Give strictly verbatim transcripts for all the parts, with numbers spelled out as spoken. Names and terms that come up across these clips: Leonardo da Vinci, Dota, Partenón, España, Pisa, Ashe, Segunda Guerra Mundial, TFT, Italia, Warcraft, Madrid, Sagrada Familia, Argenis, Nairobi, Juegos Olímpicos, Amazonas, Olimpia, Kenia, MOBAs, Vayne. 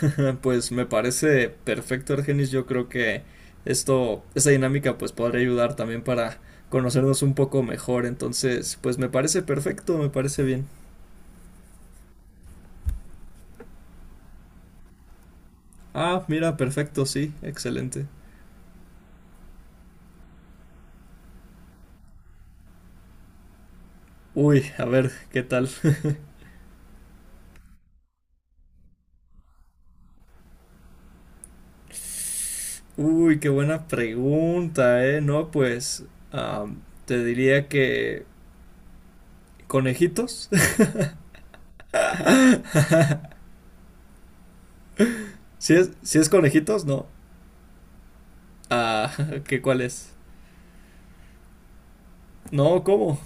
Pues me parece perfecto, Argenis. Yo creo que esto, esta dinámica, pues podría ayudar también para conocernos un poco mejor. Entonces, pues me parece perfecto, me parece bien. Ah, mira, perfecto, sí, excelente. Uy, a ver, ¿qué tal? Uy, qué buena pregunta, ¿eh? No, pues am, te diría que conejitos. Si es, si es conejitos, no. Ah, ¿qué cuál es? No, ¿cómo?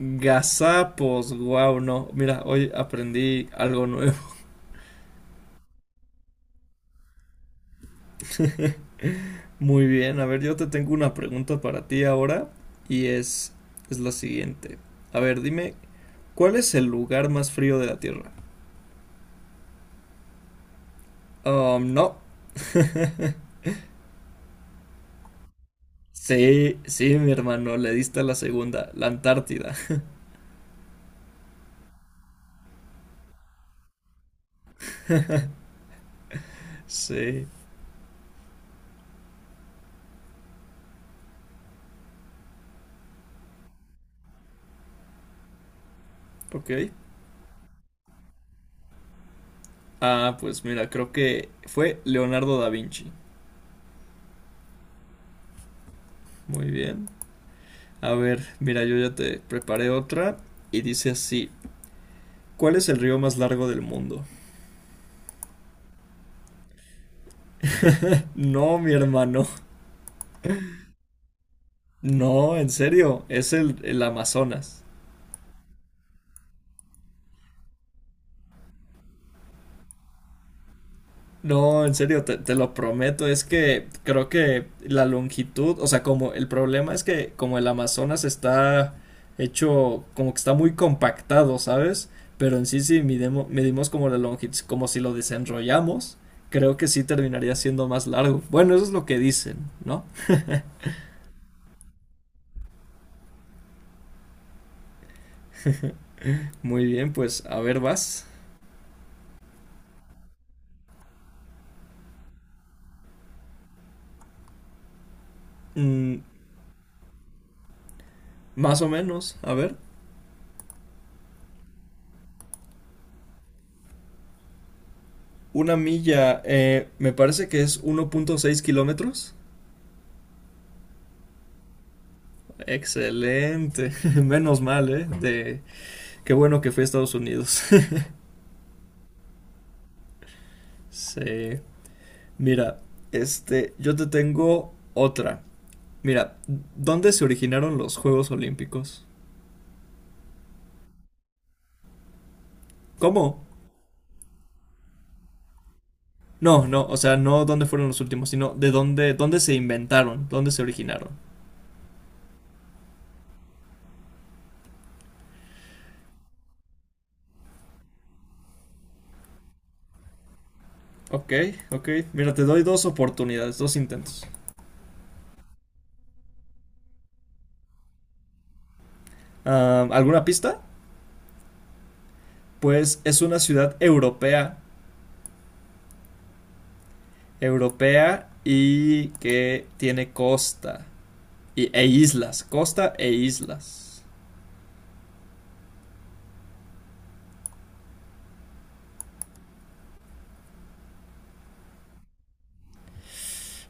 Gazapos, wow, no. Mira, hoy aprendí algo nuevo. Muy bien, a ver, yo te tengo una pregunta para ti ahora y es, es la siguiente. A ver, dime, ¿cuál es el lugar más frío de la Tierra? Um, no. Sí, sí, mi hermano, le diste a la segunda, la Antártida. Sí, ok. Ah, pues mira, creo que fue Leonardo da Vinci. Muy bien. A ver, mira, yo ya te preparé otra y dice así, ¿cuál es el río más largo del mundo? No, mi hermano. No, en serio, es el, el Amazonas. No, en serio, te, te lo prometo. Es que creo que la longitud, o sea, como el problema es que como el Amazonas está hecho, como que está muy compactado, ¿sabes? Pero en sí, si midemo- medimos como la longitud, como si lo desenrollamos, creo que sí terminaría siendo más largo. Bueno, eso es lo que dicen, ¿no? Muy bien, pues a ver, vas. Mm, Más o menos, a ver. Una milla, eh, me parece que es uno punto seis kilómetros. Excelente, menos mal, ¿eh? De... Qué bueno que fui a Estados Unidos. Sí, mira, este, yo te tengo otra. Mira, ¿dónde se originaron los Juegos Olímpicos? ¿Cómo? No, no, o sea, no dónde fueron los últimos, sino de dónde, dónde se inventaron, dónde se originaron. Ok, ok. Mira, te doy dos oportunidades, dos intentos. Ah, ¿alguna pista? Pues es una ciudad europea europea y que tiene costa y, e islas, costa e islas.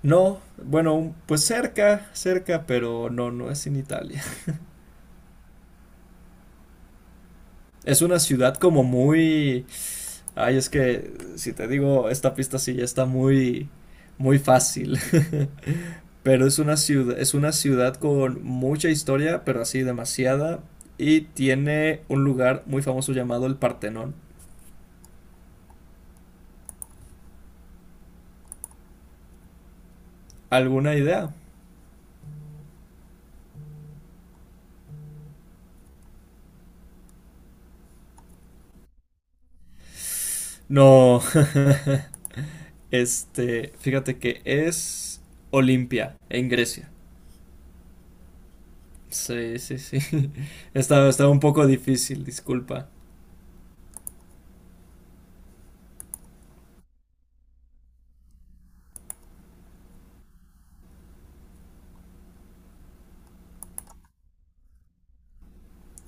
No, bueno, pues cerca, cerca, pero no, no es en Italia. Es una ciudad como muy. Ay, es que si te digo, esta pista sí ya está muy, muy fácil. Pero es una ciudad, es una ciudad con mucha historia, pero así demasiada, y tiene un lugar muy famoso llamado el Partenón. ¿Alguna idea? No. Este, fíjate que es Olimpia, en Grecia. Sí, sí, sí. Está, está un poco difícil, disculpa.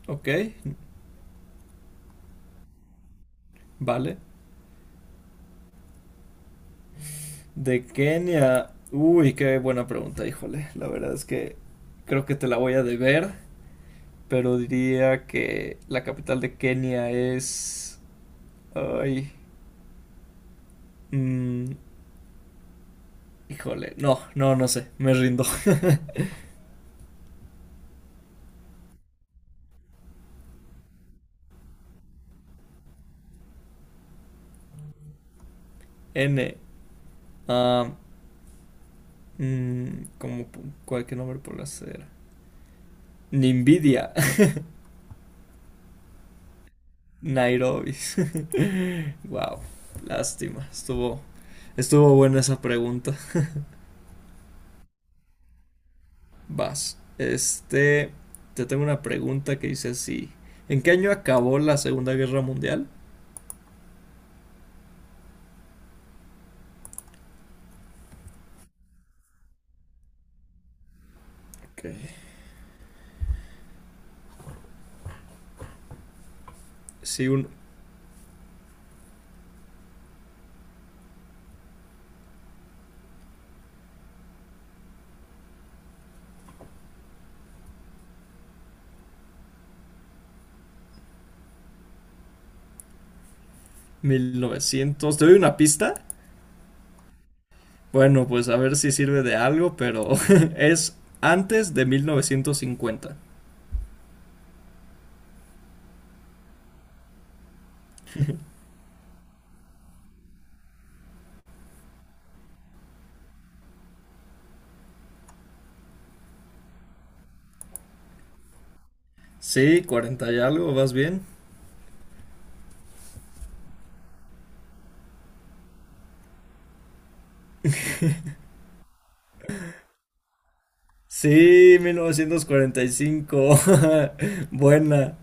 Ok, vale. De Kenia. Uy, qué buena pregunta, híjole. La verdad es que creo que te la voy a deber, pero diría que la capital de Kenia es. Ay, mm, híjole. No, no, no sé. Me rindo. N. ah, mm, Como cualquier nombre por hacer. Nimbidia. Nairobi. Wow, lástima. Estuvo, estuvo buena esa pregunta. Vas. Este, te tengo una pregunta que dice así. ¿En qué año acabó la Segunda Guerra Mundial? Ok. Sí, un mil novecientos. ¿Te doy una pista? Bueno, pues a ver si sirve de algo, pero es antes de mil novecientos cincuenta. Sí, cuarenta y algo, ¿vas bien? Sí, mil novecientos cuarenta y cinco. Buena.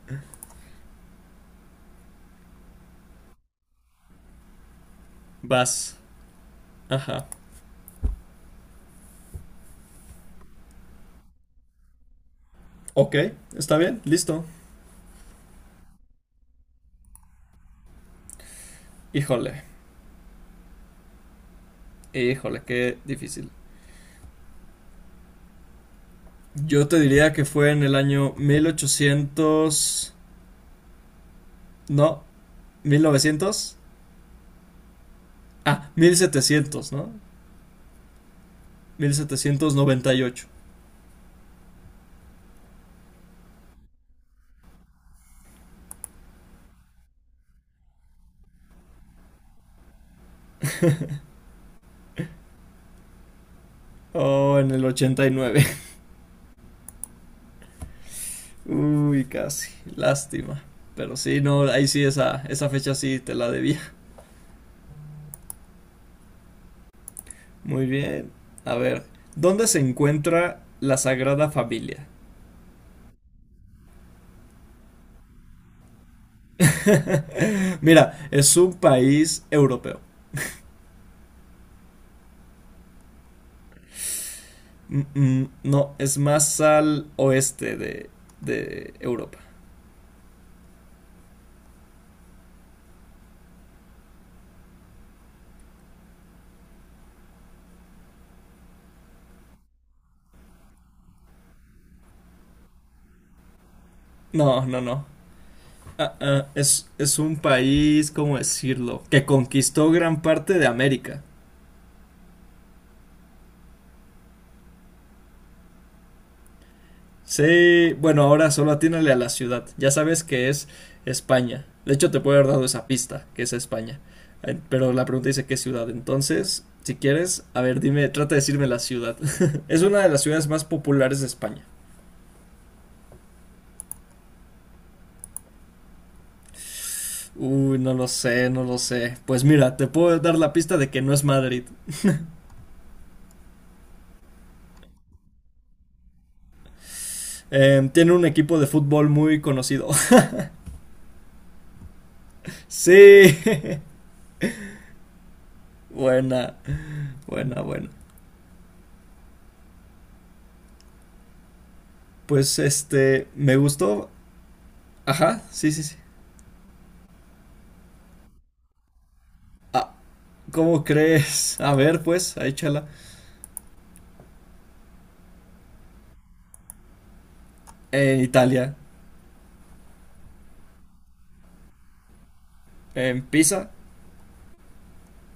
Vas. Ajá. Ok, está bien, listo. Híjole, híjole, qué difícil. Yo te diría que fue en el año mil ochocientos. No, mil novecientos. Ah, mil setecientos, ¿no? Mil setecientos noventa y ocho. Oh, en el ochenta y nueve. Uy, casi. Lástima. Pero sí, no, ahí sí esa, esa fecha sí te la debía. Muy bien. A ver, ¿dónde se encuentra la Sagrada Familia? Mira, es un país europeo. Mm, mm, no, es más al oeste de, de Europa. No, no, no. Ah, ah, es, es un país, ¿cómo decirlo? Que conquistó gran parte de América. Sí, bueno, ahora solo atínale a la ciudad. Ya sabes que es España. De hecho, te puedo haber dado esa pista, que es España. Eh, Pero la pregunta dice qué ciudad. Entonces, si quieres, a ver, dime, trata de decirme la ciudad. Es una de las ciudades más populares de España. Uy, no lo sé, no lo sé. Pues mira, te puedo dar la pista de que no es Madrid. Eh, tiene un equipo de fútbol muy conocido. Sí. Buena, buena, buena. Pues este, me gustó. Ajá, sí, sí, sí. Ah, ¿cómo crees? A ver, pues, ahí chala. En Italia, en Pisa.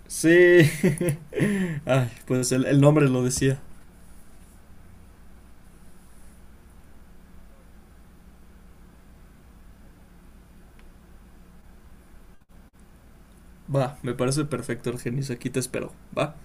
Sí. Ay, pues el, el nombre lo decía. Va, me parece perfecto, Argenis. Aquí te espero. Va.